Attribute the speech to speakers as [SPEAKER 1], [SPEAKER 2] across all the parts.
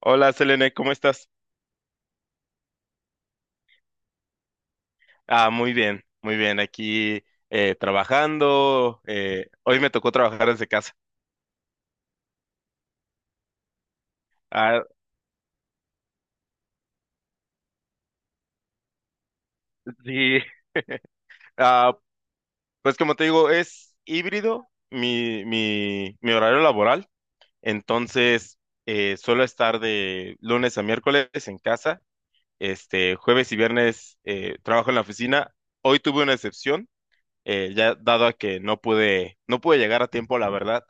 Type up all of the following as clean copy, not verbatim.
[SPEAKER 1] Hola, Selene, ¿cómo estás? Muy bien, muy bien. Aquí trabajando. Hoy me tocó trabajar desde casa. Ah, sí. Ah, pues como te digo, es híbrido mi horario laboral. Entonces, suelo estar de lunes a miércoles en casa. Este, jueves y viernes trabajo en la oficina. Hoy tuve una excepción ya dado a que no pude llegar a tiempo, la verdad,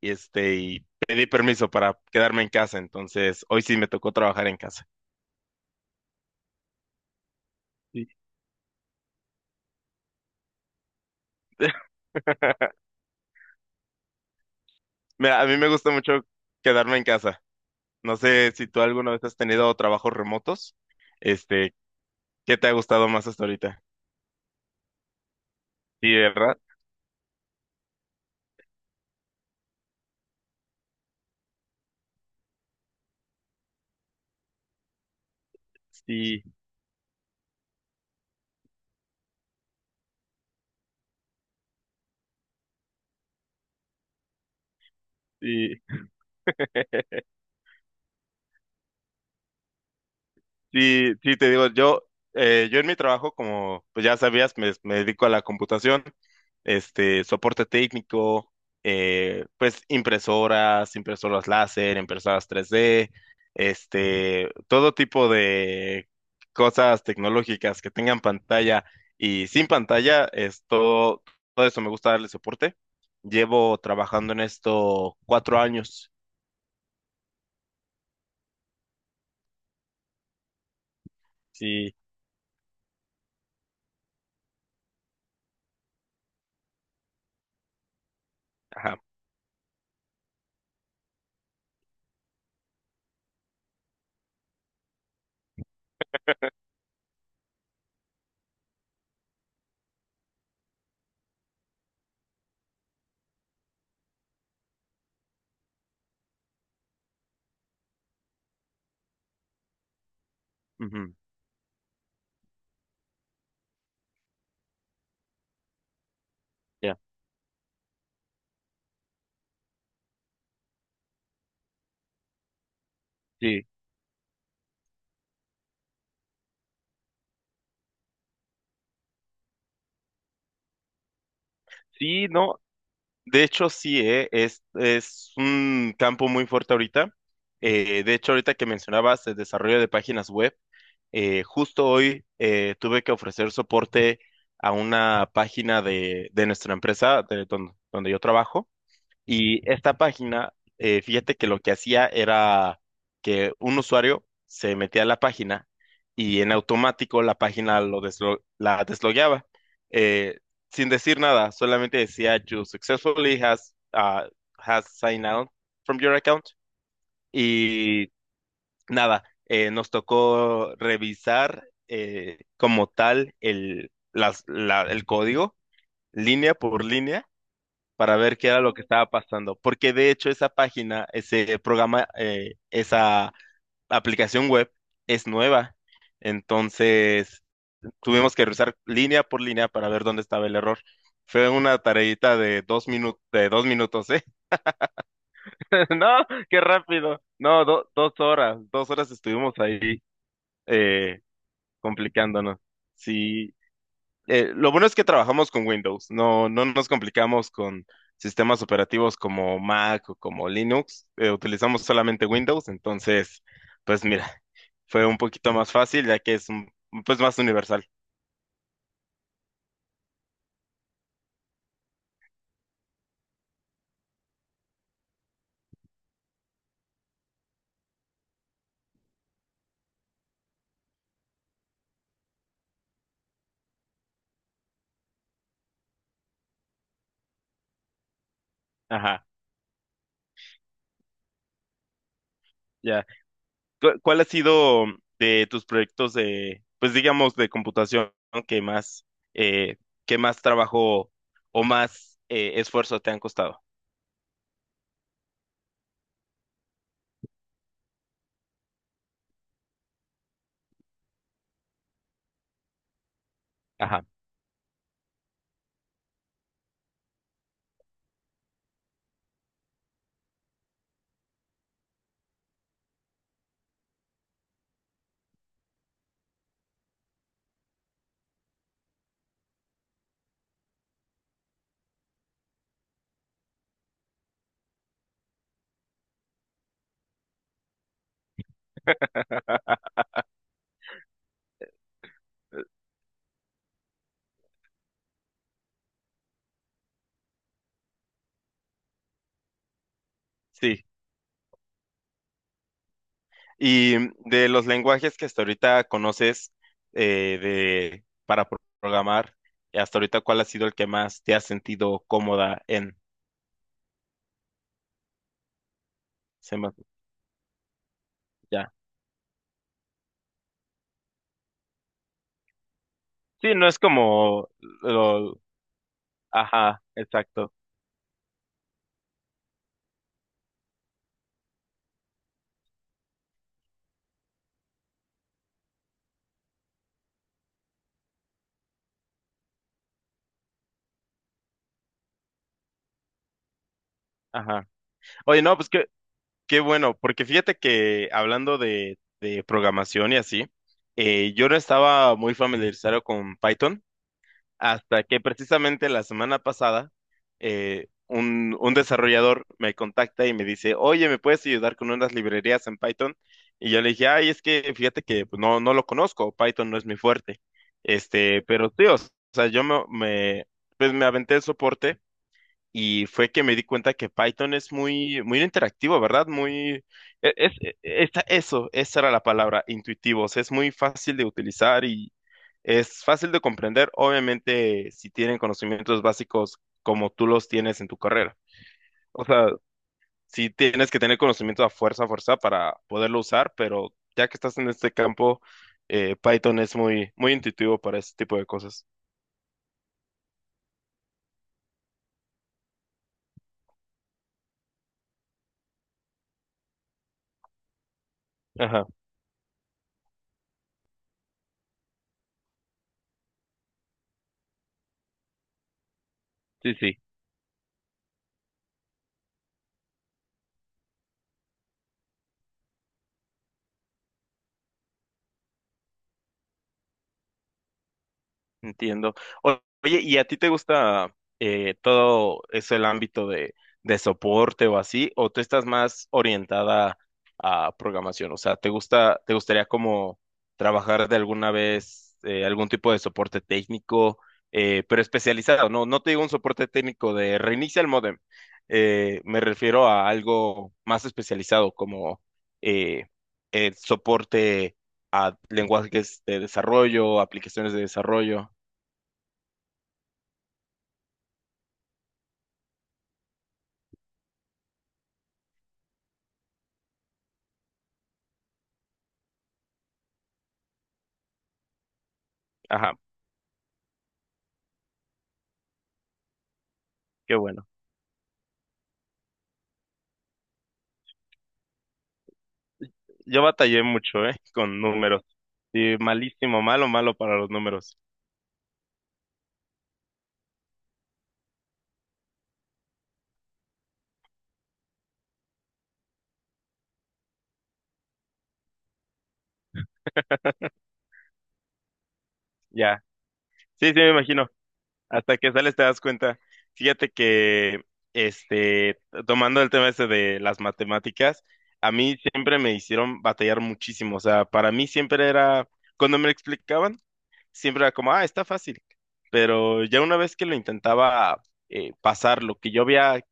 [SPEAKER 1] y y pedí permiso para quedarme en casa, entonces hoy sí me tocó trabajar en casa. Sí. Mira, a mí me gusta mucho quedarme en casa. No sé si tú alguna vez has tenido trabajos remotos. Este, ¿Qué te ha gustado más hasta ahorita? Sí, ¿verdad? Sí, sí. Sí, sí, te digo, yo en mi trabajo, como pues ya sabías, me dedico a la computación, soporte técnico, pues impresoras láser, impresoras 3D, todo tipo de cosas tecnológicas que tengan pantalla y sin pantalla, todo eso me gusta darle soporte. Llevo trabajando en esto 4 años. Sí, ajá, ujú, ya. Sí, sí, no. De hecho, sí. Es un campo muy fuerte ahorita. De hecho, ahorita que mencionabas el desarrollo de páginas web, justo hoy tuve que ofrecer soporte a una página de nuestra empresa, donde yo trabajo. Y esta página, fíjate que lo que hacía era que un usuario se metía a la página y en automático la página la deslogueaba eh, sin decir nada, solamente decía you successfully has, has signed out from your account y nada, nos tocó revisar como tal el código línea por línea para ver qué era lo que estaba pasando. Porque de hecho esa página, ese programa, esa aplicación web es nueva. Entonces tuvimos que revisar línea por línea para ver dónde estaba el error. Fue una tareita de 2 minutos, de 2 minutos, ¿eh? No, qué rápido. No, 2 horas, 2 horas estuvimos ahí eh, complicándonos. Sí, lo bueno es que trabajamos con Windows, no nos complicamos con sistemas operativos como Mac o como Linux, utilizamos solamente Windows, entonces, pues mira, fue un poquito más fácil pues más universal. Ajá, ya. ¿Cuál ha sido de tus proyectos de, pues digamos, de computación que eh, que más trabajo o más esfuerzo te han costado? Ajá, sí. Y de los lenguajes que hasta ahorita conoces para programar, hasta ahorita, ¿cuál ha sido el que más te has sentido cómoda en? Se me- ya. Sí, no es como lo, ajá, exacto, ajá. Oye, no, pues qué, qué bueno, porque fíjate que hablando de programación y así, yo no estaba muy familiarizado con Python. Hasta que precisamente la semana pasada un desarrollador me contacta y me dice, oye, ¿me puedes ayudar con unas librerías en Python? Y yo le dije, ay, es que fíjate que pues, no, no lo conozco, Python no es mi fuerte. Pero tío, o sea, pues me aventé el soporte y fue que me di cuenta que Python es muy interactivo, ¿verdad? Muy, e- es, e- esa- eso, esa era la palabra, intuitivos. Es muy fácil de utilizar y es fácil de comprender, obviamente, si tienen conocimientos básicos como tú los tienes en tu carrera. O sea, sí tienes que tener conocimiento a fuerza para poderlo usar, pero ya que estás en este campo, Python es muy intuitivo para ese tipo de cosas. Ajá, sí, sí. Entiendo. O- Oye, ¿y a ti te gusta todo eso, el ámbito de soporte o así? ¿O tú estás más orientada a programación? O sea, ¿te gusta, te gustaría como trabajar de alguna vez algún tipo de soporte técnico, pero especializado? No, no te digo un soporte técnico de reinicia el módem. Me refiero a algo más especializado como eh, el soporte a lenguajes de desarrollo, aplicaciones de desarrollo. Ajá, qué bueno. Yo batallé mucho, ¿eh? Con números. Sí, malísimo, malo, malo para los números. Ya. Sí, sí, me imagino. Hasta que sales te das cuenta. Fíjate que, este, tomando el tema ese de las matemáticas, a mí siempre me hicieron batallar muchísimo. O sea, para mí siempre era, cuando me lo explicaban, siempre era como, ah, está fácil. Pero ya una vez que lo intentaba pasar, lo que yo había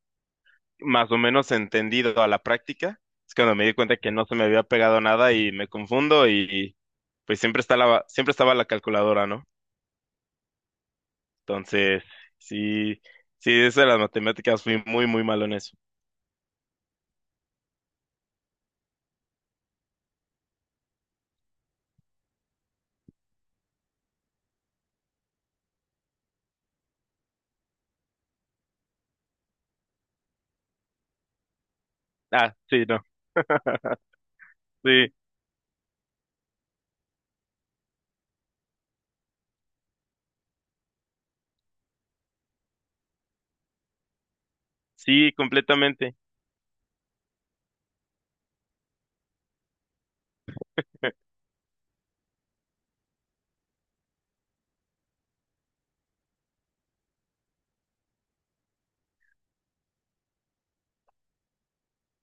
[SPEAKER 1] más o menos entendido a la práctica. Es cuando me di cuenta que no se me había pegado nada y me confundo y pues siempre estaba la calculadora, ¿no? Entonces, sí, sí, eso de las matemáticas fui muy malo en eso. Ah, sí, no, sí, sí, completamente.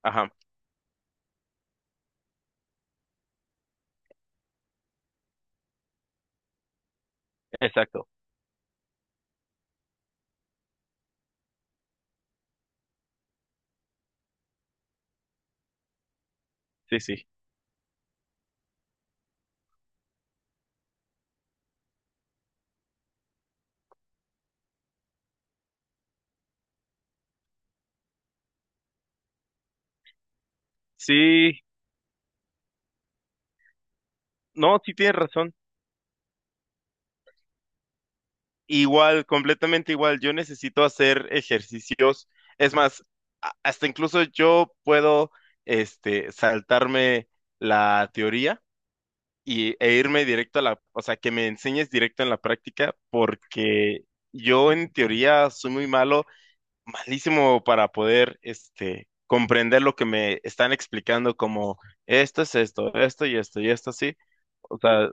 [SPEAKER 1] Ajá, exacto, sí, sí. Sí, no, sí tienes razón. Igual, completamente igual. Yo necesito hacer ejercicios. Es más, hasta incluso yo puedo, saltarme la teoría e irme directo a la, o sea, que me enseñes directo en la práctica, porque yo en teoría soy muy malo, malísimo para poder, comprender lo que me están explicando como esto es esto, esto y esto y esto así. O sea,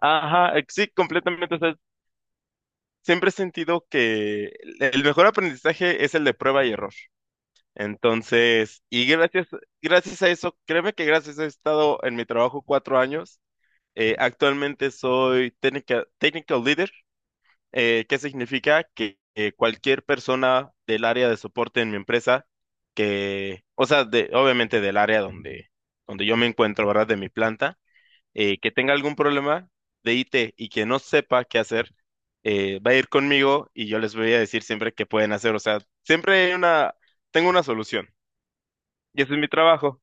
[SPEAKER 1] sí, completamente. Siempre he sentido que el mejor aprendizaje es el de prueba y error. Entonces, gracias a eso, créeme que gracias a eso he estado en mi trabajo 4 años. Actualmente soy técnica, technical leader, que significa que cualquier persona del área de soporte en mi empresa, que, o sea, de, obviamente del área donde yo me encuentro, ¿verdad? De mi planta que tenga algún problema de IT y que no sepa qué hacer, va a ir conmigo y yo les voy a decir siempre qué pueden hacer. O sea, siempre hay una, tengo una solución y ese es mi trabajo.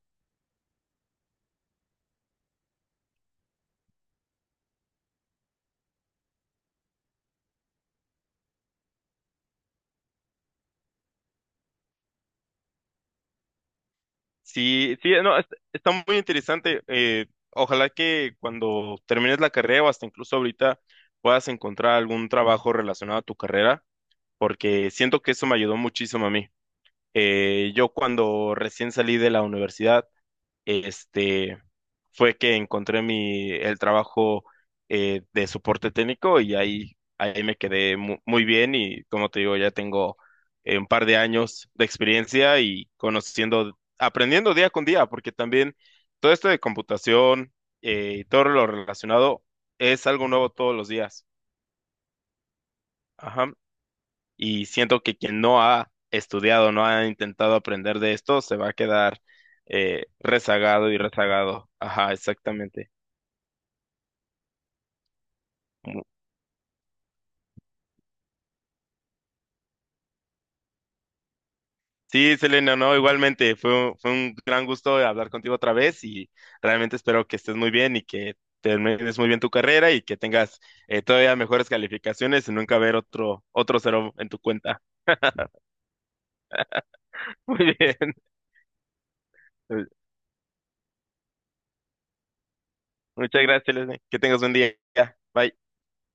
[SPEAKER 1] Sí, sí, no, es- está muy interesante. Ojalá que cuando termines la carrera o hasta incluso ahorita puedas encontrar algún trabajo relacionado a tu carrera, porque siento que eso me ayudó muchísimo a mí. Yo cuando recién salí de la universidad, este, fue que encontré el trabajo de soporte técnico y ahí me quedé muy bien y como te digo, ya tengo un par de años de experiencia y conociendo, aprendiendo día con día, porque también todo esto de computación y todo lo relacionado es algo nuevo todos los días. Ajá. Y siento que quien no ha estudiado, no ha intentado aprender de esto, se va a quedar rezagado y rezagado. Ajá, exactamente. Mu- Sí, Selena, no, igualmente, fue un gran gusto hablar contigo otra vez y realmente espero que estés muy bien y que termines muy bien tu carrera y que tengas todavía mejores calificaciones y nunca ver otro, otro cero en tu cuenta. Muy bien. Muchas gracias, Selena. Que tengas un día. Bye.